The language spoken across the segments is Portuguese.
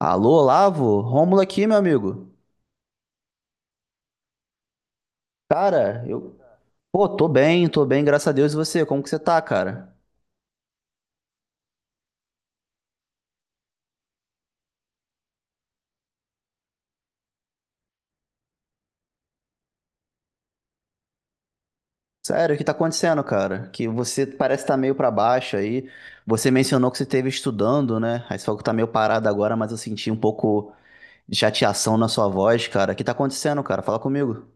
Alô, Olavo? Rômulo aqui, meu amigo. Cara, eu. Pô, tô bem, graças a Deus. E você? Como que você tá, cara? Sério, o que tá acontecendo, cara? Que você parece estar tá meio pra baixo aí. Você mencionou que você esteve estudando, né? Aí você falou que tá meio parado agora, mas eu senti um pouco de chateação na sua voz, cara. O que tá acontecendo, cara? Fala comigo.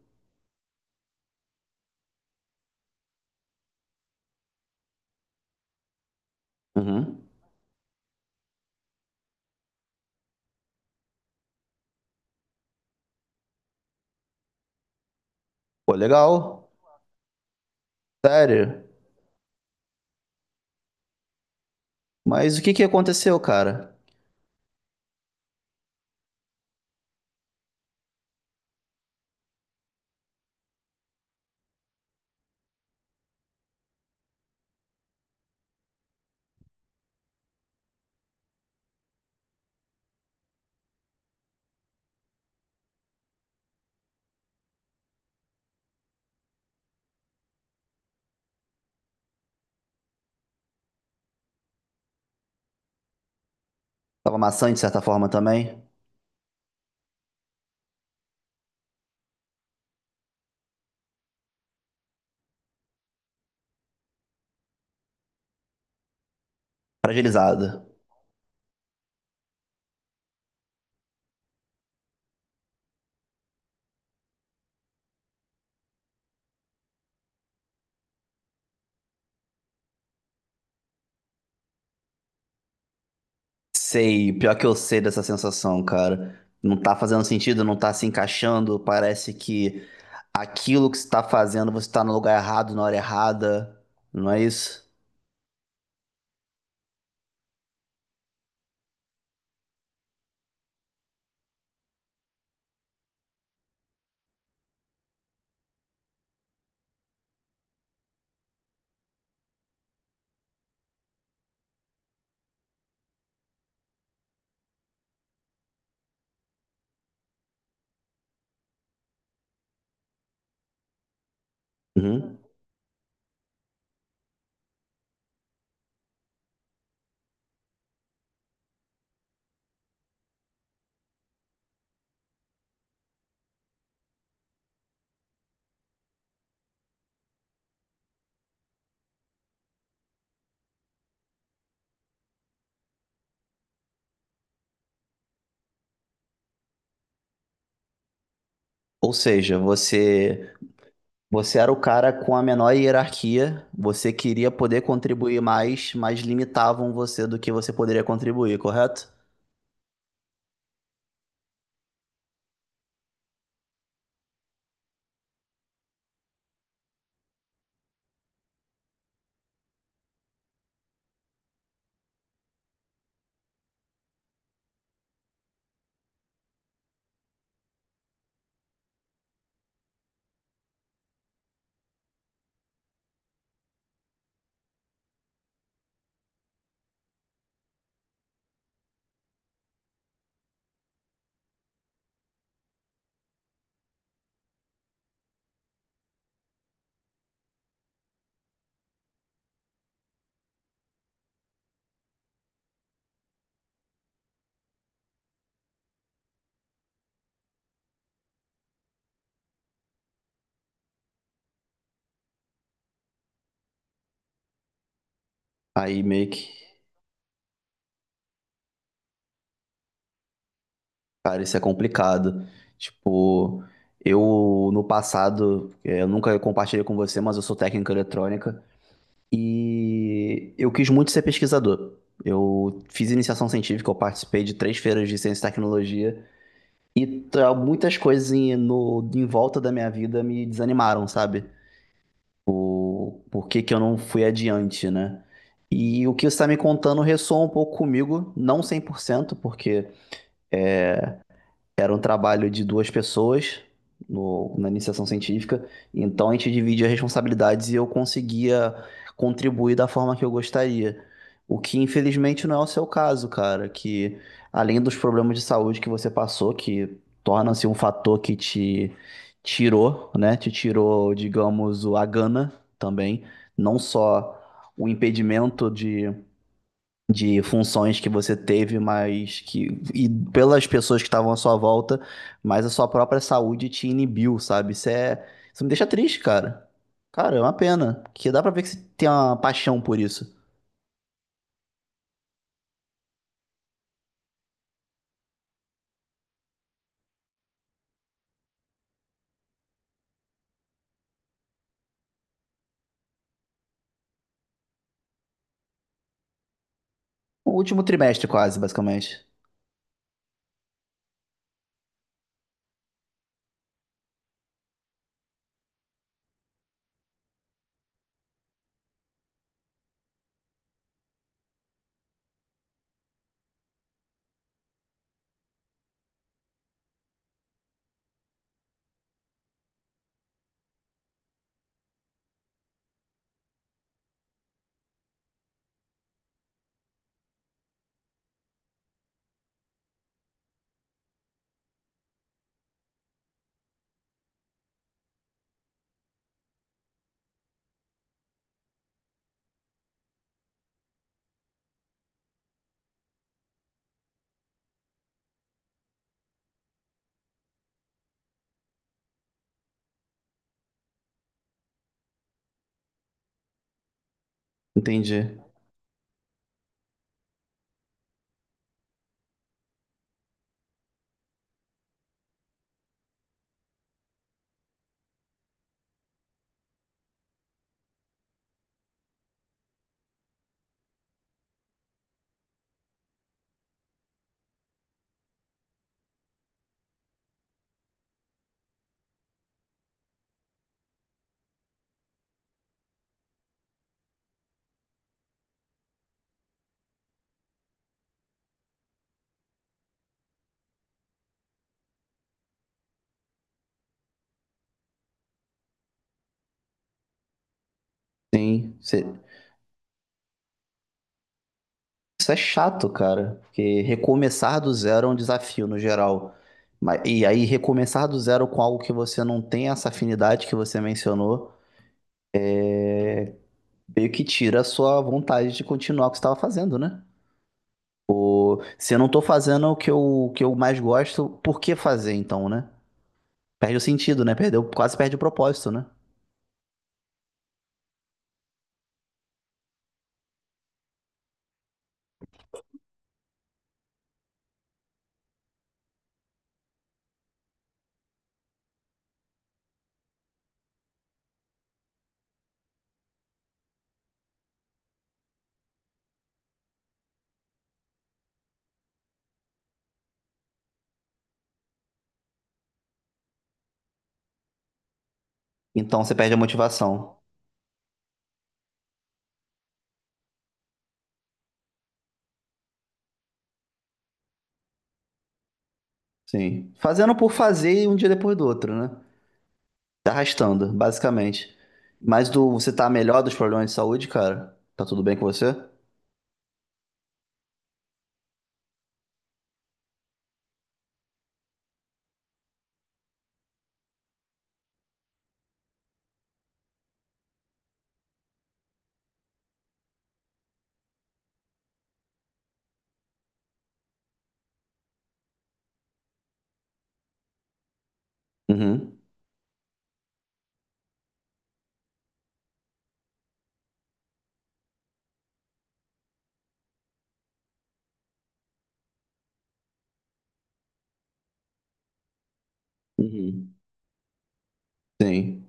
Uhum. Pô, legal. Sério. Mas o que que aconteceu, cara? Tava maçante de certa forma também? Fragilizado. Sei, pior que eu sei dessa sensação, cara. Não tá fazendo sentido, não tá se encaixando, parece que aquilo que você tá fazendo, você tá no lugar errado, na hora errada, não é isso? Uhum. Ou seja, você era o cara com a menor hierarquia, você queria poder contribuir mais, mas limitavam você do que você poderia contribuir, correto? Aí meio que Cara, isso é complicado. Tipo, eu no passado, eu nunca compartilhei com você, mas eu sou técnico em eletrônica e eu quis muito ser pesquisador. Eu fiz iniciação científica, eu participei de três feiras de ciência e tecnologia e muitas coisas em, no, em volta da minha vida me desanimaram, sabe? Por que que eu não fui adiante, né? E o que você está me contando ressoa um pouco comigo, não 100%, porque. Era um trabalho de duas pessoas na iniciação científica, então a gente dividia responsabilidades e eu conseguia contribuir da forma que eu gostaria. O que infelizmente não é o seu caso, cara, que além dos problemas de saúde que você passou, que torna-se um fator que te tirou, né? Te tirou, digamos, a gana também, não só o impedimento de funções que você teve, mas que e pelas pessoas que estavam à sua volta, mas a sua própria saúde te inibiu, sabe? Isso me deixa triste, cara. Cara, é uma pena, porque dá pra ver que você tem uma paixão por isso. O último trimestre quase, basicamente. Entendi. Sim. Isso é chato, cara, porque recomeçar do zero é um desafio no geral. E aí recomeçar do zero com algo que você não tem essa afinidade que você mencionou é meio que tira a sua vontade de continuar o que você estava fazendo, né? Ou, se eu não tô fazendo o que eu mais gosto, por que fazer então, né? Perde o sentido, né? Perdeu, quase perde o propósito, né? Então você perde a motivação. Sim. Fazendo por fazer e um dia depois do outro, né? Se arrastando, basicamente. Você tá melhor dos problemas de saúde, cara? Tá tudo bem com você? Uhum. Uhum. Sim.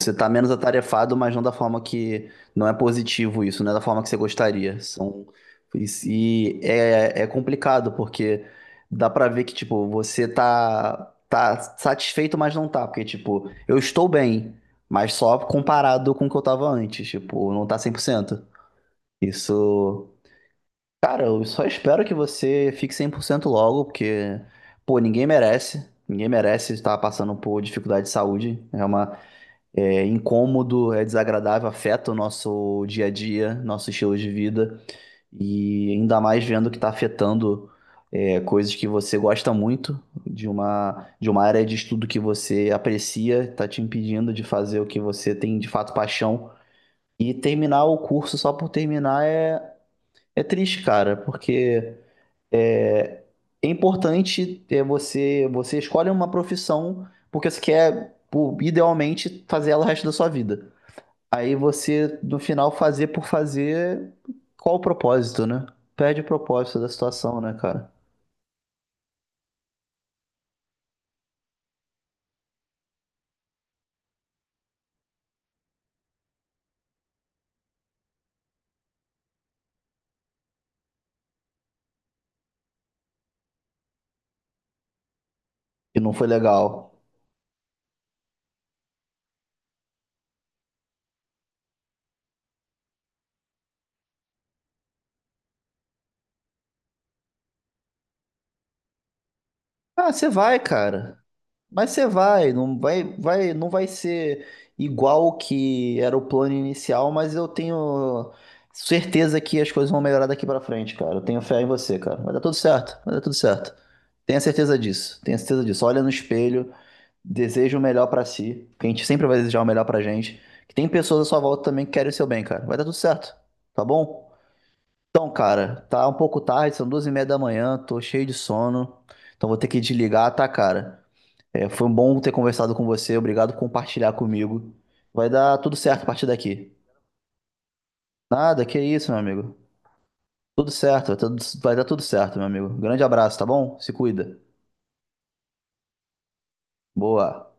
Você está menos atarefado, mas não da forma que. Não é positivo isso, não é da forma que você gostaria. São, é complicado, porque dá pra ver que, tipo, você tá, satisfeito, mas não tá. Porque, tipo, eu estou bem, mas só comparado com o que eu tava antes. Tipo, não tá 100%. Isso. Cara, eu só espero que você fique 100% logo, porque, pô, ninguém merece. Ninguém merece estar passando por dificuldade de saúde. É incômodo, é desagradável, afeta o nosso dia a dia, nosso estilo de vida, e ainda mais vendo que está afetando coisas que você gosta muito, de uma área de estudo que você aprecia, está te impedindo de fazer o que você tem de fato paixão. E terminar o curso só por terminar é triste, cara, porque é, é importante você escolhe uma profissão porque você quer, idealmente, fazer ela o resto da sua vida. Aí você, no final, fazer por fazer, qual o propósito, né? Perde o propósito da situação, né, cara? E não foi legal. Ah, você vai, cara. Mas você vai, não vai ser igual o que era o plano inicial, mas eu tenho certeza que as coisas vão melhorar daqui pra frente, cara. Eu tenho fé em você, cara. Vai dar tudo certo, vai dar tudo certo. Tenha certeza disso, tenha certeza disso. Olha no espelho. Deseja o melhor pra si, que a gente sempre vai desejar o melhor pra gente. Que tem pessoas à sua volta também que querem o seu bem, cara. Vai dar tudo certo, tá bom? Então, cara, tá um pouco tarde, são 2:30 da manhã, tô cheio de sono, então vou ter que desligar, tá, cara? Foi um bom ter conversado com você, obrigado por compartilhar comigo. Vai dar tudo certo a partir daqui. Nada, que isso, meu amigo. Tudo certo, vai dar tudo certo, meu amigo. Grande abraço, tá bom? Se cuida. Boa.